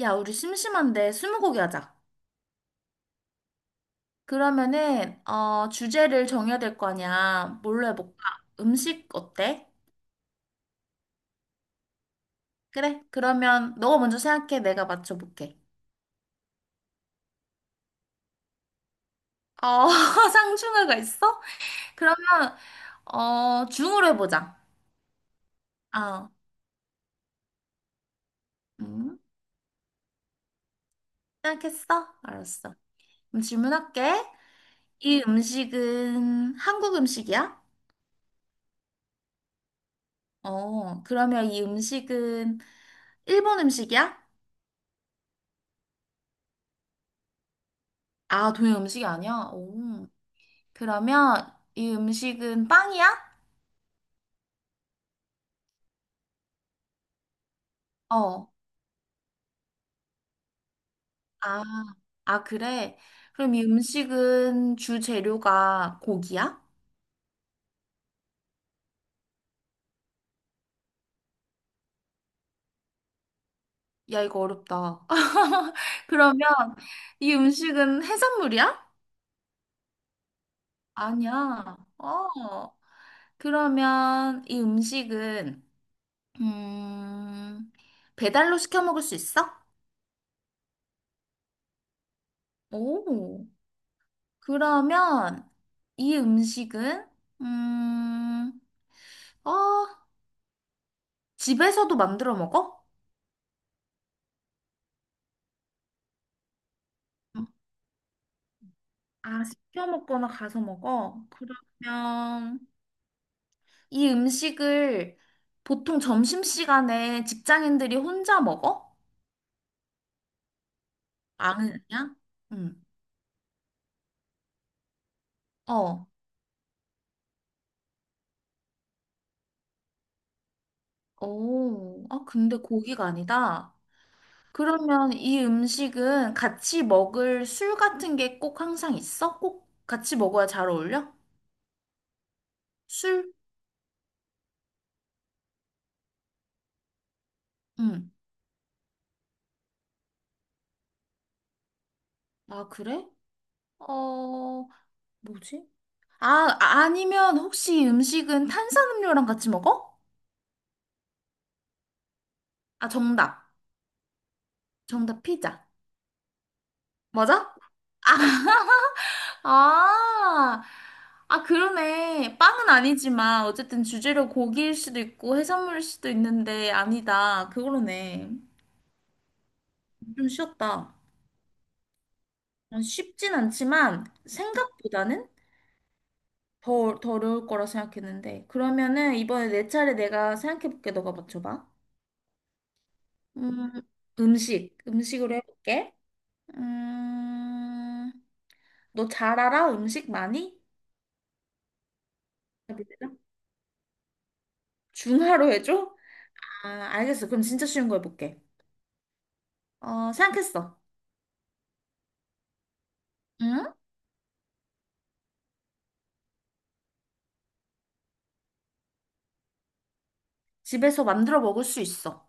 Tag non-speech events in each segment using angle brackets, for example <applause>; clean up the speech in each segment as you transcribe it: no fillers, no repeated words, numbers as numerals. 야, 우리 심심한데 스무고개 하자. 그러면은 주제를 정해야 될 거 아니야. 뭘로 해볼까? 음식 어때? 그래. 그러면 너가 먼저 생각해. 내가 맞춰볼게. 어 <laughs> 상충하가 있어? 그러면 중으로 해보자. 아, 음, 생각했어? 알았어. 그럼 질문할게. 이 음식은 한국 음식이야? 어, 그러면 이 음식은 일본 음식이야? 아, 동양 음식이 아니야? 오. 그러면 이 음식은 빵이야? 어. 아, 아, 그래. 그럼 이 음식은 주 재료가 고기야? 야, 이거 어렵다. <laughs> 그러면 이 음식은 해산물이야? 아니야. 어. 그러면 이 음식은 음, 배달로 시켜 먹을 수 있어? 오. 그러면 이 음식은 음, 어, 집에서도 만들어 먹어? 아, 시켜 먹거나 가서 먹어? 그러면 이 음식을 보통 점심시간에 직장인들이 혼자 먹어? 아니야? 응. 어. 오. 아, 근데 고기가 아니다. 그러면 이 음식은 같이 먹을 술 같은 게 꼭 항상 있어? 꼭 같이 먹어야 잘 어울려? 술? 응. 아, 그래? 어, 뭐지? 아, 아니면 혹시 이 음식은 탄산음료랑 같이 먹어? 아, 정답. 정답 피자. 맞아? 아, 아, 아, 그러네. 빵은 아니지만, 어쨌든 주재료 고기일 수도 있고, 해산물일 수도 있는데, 아니다. 그거네. 좀 쉬웠다. 어, 쉽진 않지만, 생각보다는 더 어려울 거라 생각했는데. 그러면은, 이번에 내 차례 내가 생각해볼게. 너가 맞춰봐. 음, 음식. 음식으로 해볼게. 음, 너 잘 알아? 음식 많이? 답이 되나? 중화로 해줘? 아, 알겠어. 그럼 진짜 쉬운 거 해볼게. 어, 생각했어. 응? 집에서 만들어 먹을 수 있어.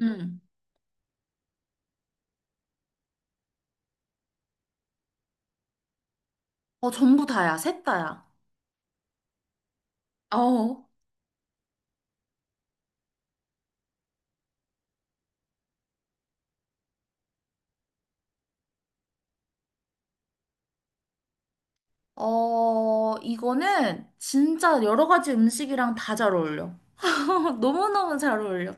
응. 어, 전부 다야. 셋 다야. 어. 어, 이거는 진짜 여러 가지 음식이랑 다 잘 어울려. <laughs> 너무너무 잘 어울려.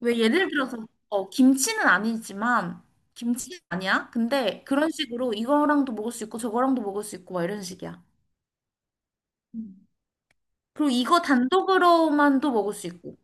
왜 예를 들어서, 어, 김치는 아니지만, 김치는 아니야. 근데 그런 식으로 이거랑도 먹을 수 있고, 저거랑도 먹을 수 있고, 막 이런 식이야. 음. 그리고 이거 단독으로만도 먹을 수 있고.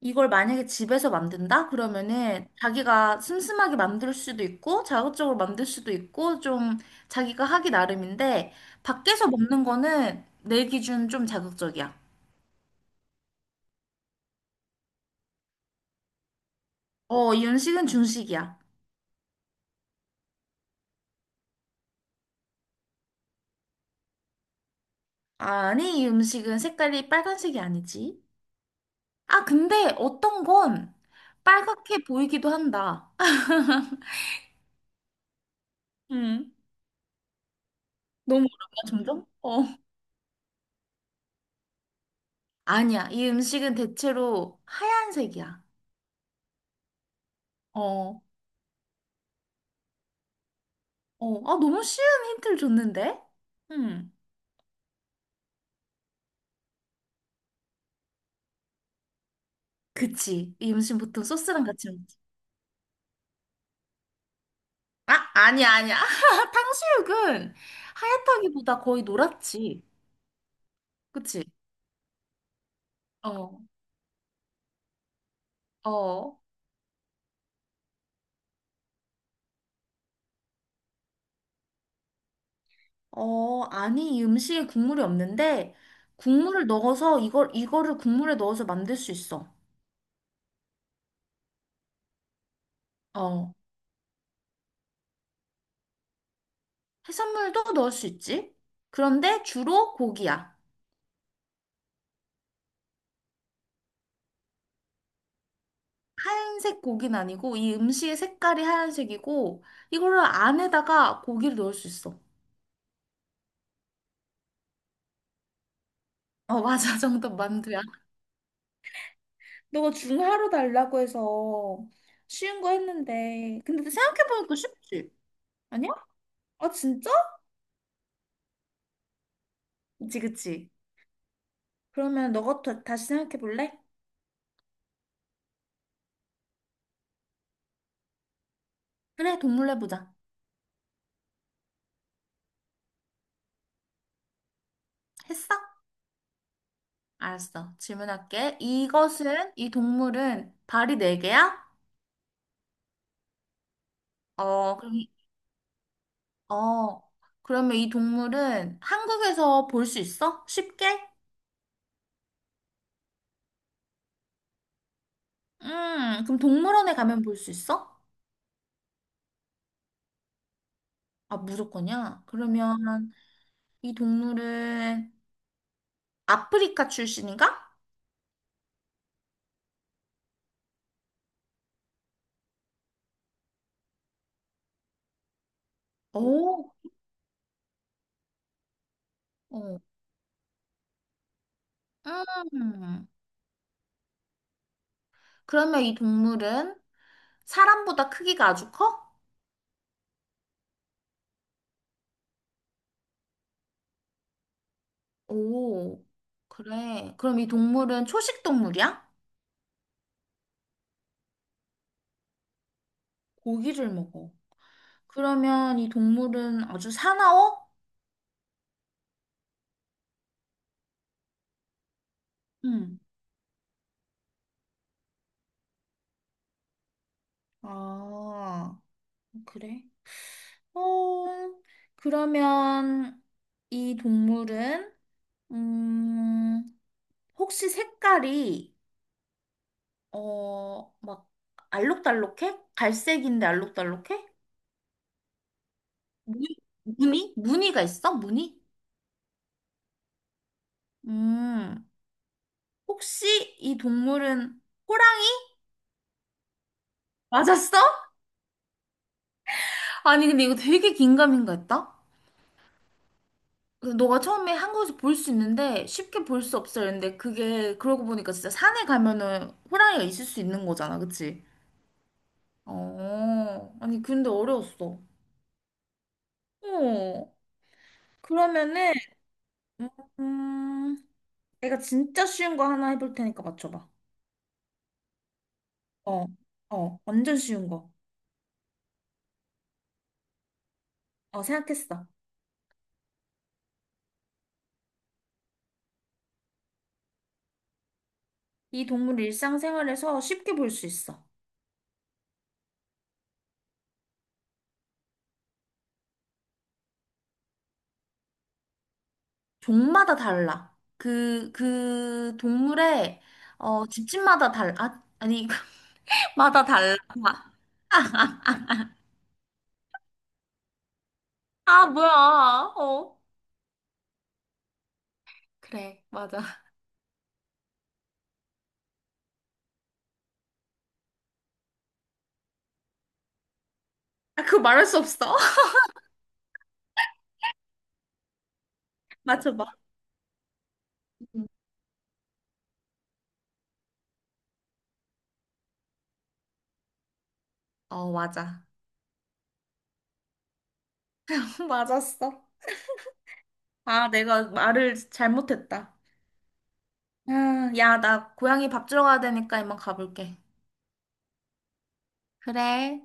이걸 만약에 집에서 만든다? 그러면은 자기가 슴슴하게 만들 수도 있고 자극적으로 만들 수도 있고 좀 자기가 하기 나름인데 밖에서 먹는 거는 내 기준 좀 자극적이야. 어, 이 음식은 중식이야. 아니, 이 음식은 색깔이 빨간색이 아니지. 아, 근데 어떤 건 빨갛게 보이기도 한다. <laughs> 음, 너무 어렵나, 점점? 어. 아니야, 이 음식은 대체로 하얀색이야. 어. 어, 아, 너무 쉬운 힌트를 줬는데? 음, 그치. 이 음식 보통 소스랑 같이 먹지. 아, 아니야. <laughs> 탕수육은 하얗다기보다 거의 노랗지. 그치? 어, 어, 아니, 이 음식에 국물이 없는데, 국물을 넣어서, 이걸, 이거를 국물에 넣어서 만들 수 있어. 어, 해산물도 넣을 수 있지. 그런데 주로 고기야. 하얀색 고기는 아니고, 이 음식의 색깔이 하얀색이고, 이거를 안에다가 고기를 넣을 수 있어. 어, 맞아. <laughs> 정답 만두야. 너가 중하로 달라고 해서 쉬운 거 했는데 근데 생각해보니까 쉽지. 아니야? 아 진짜? 그치. 그러면 너가 더, 다시 생각해 볼래? 그래, 동물 해보자. 했어? 알았어. 질문할게. 이것은, 이 동물은 발이 네개야 어, 그럼, 이- 어, 그러면 이 동물은 한국에서 볼 수 있어? 쉽게? 그럼 동물원에 가면 볼 수 있어? 아, 무조건이야. 그러면 이 동물은 아프리카 출신인가? 오, 어. 음. 그러면 이 동물은 사람보다 크기가 아주 커? 오, 그래. 그럼 이 동물은 초식 동물이야? 고기를 먹어. 그러면 이 동물은 아주 사나워? 응. 아, 그래. 어, 그러면 이 동물은, 음, 혹시 색깔이 어, 막 알록달록해? 갈색인데 알록달록해? 무늬? 무늬? 무늬가 있어? 무늬? 음, 혹시 이 동물은 호랑이? 맞았어? 아니, 근데 이거 되게 긴가민가 했다? 근데 너가 처음에 한국에서 볼 수 있는데 쉽게 볼 수 없어 이랬는데 그게 그러고 보니까 진짜 산에 가면은 호랑이가 있을 수 있는 거잖아, 그치? 어, 아니, 근데 어려웠어. 어, 그러면은, 음, 음, 내가 진짜 쉬운 거 하나 해볼 테니까 맞춰봐. 어, 어, 완전 쉬운 거. 어, 생각했어. 이 동물 일상생활에서 쉽게 볼 수 있어. 종마다 달라. 그 동물의, 어, 집집마다 달라. 아, 아니, <laughs> 마다 달라. 아, 뭐야. 어. 그래, 맞아. 아, 그거 말할 수 없어. <laughs> 맞춰봐. 응. 어, 맞아. <laughs> 맞았어. 아, 내가 말을 잘못했다. 야, 나 고양이 밥 주러 가야 되니까 이만 가볼게. 그래.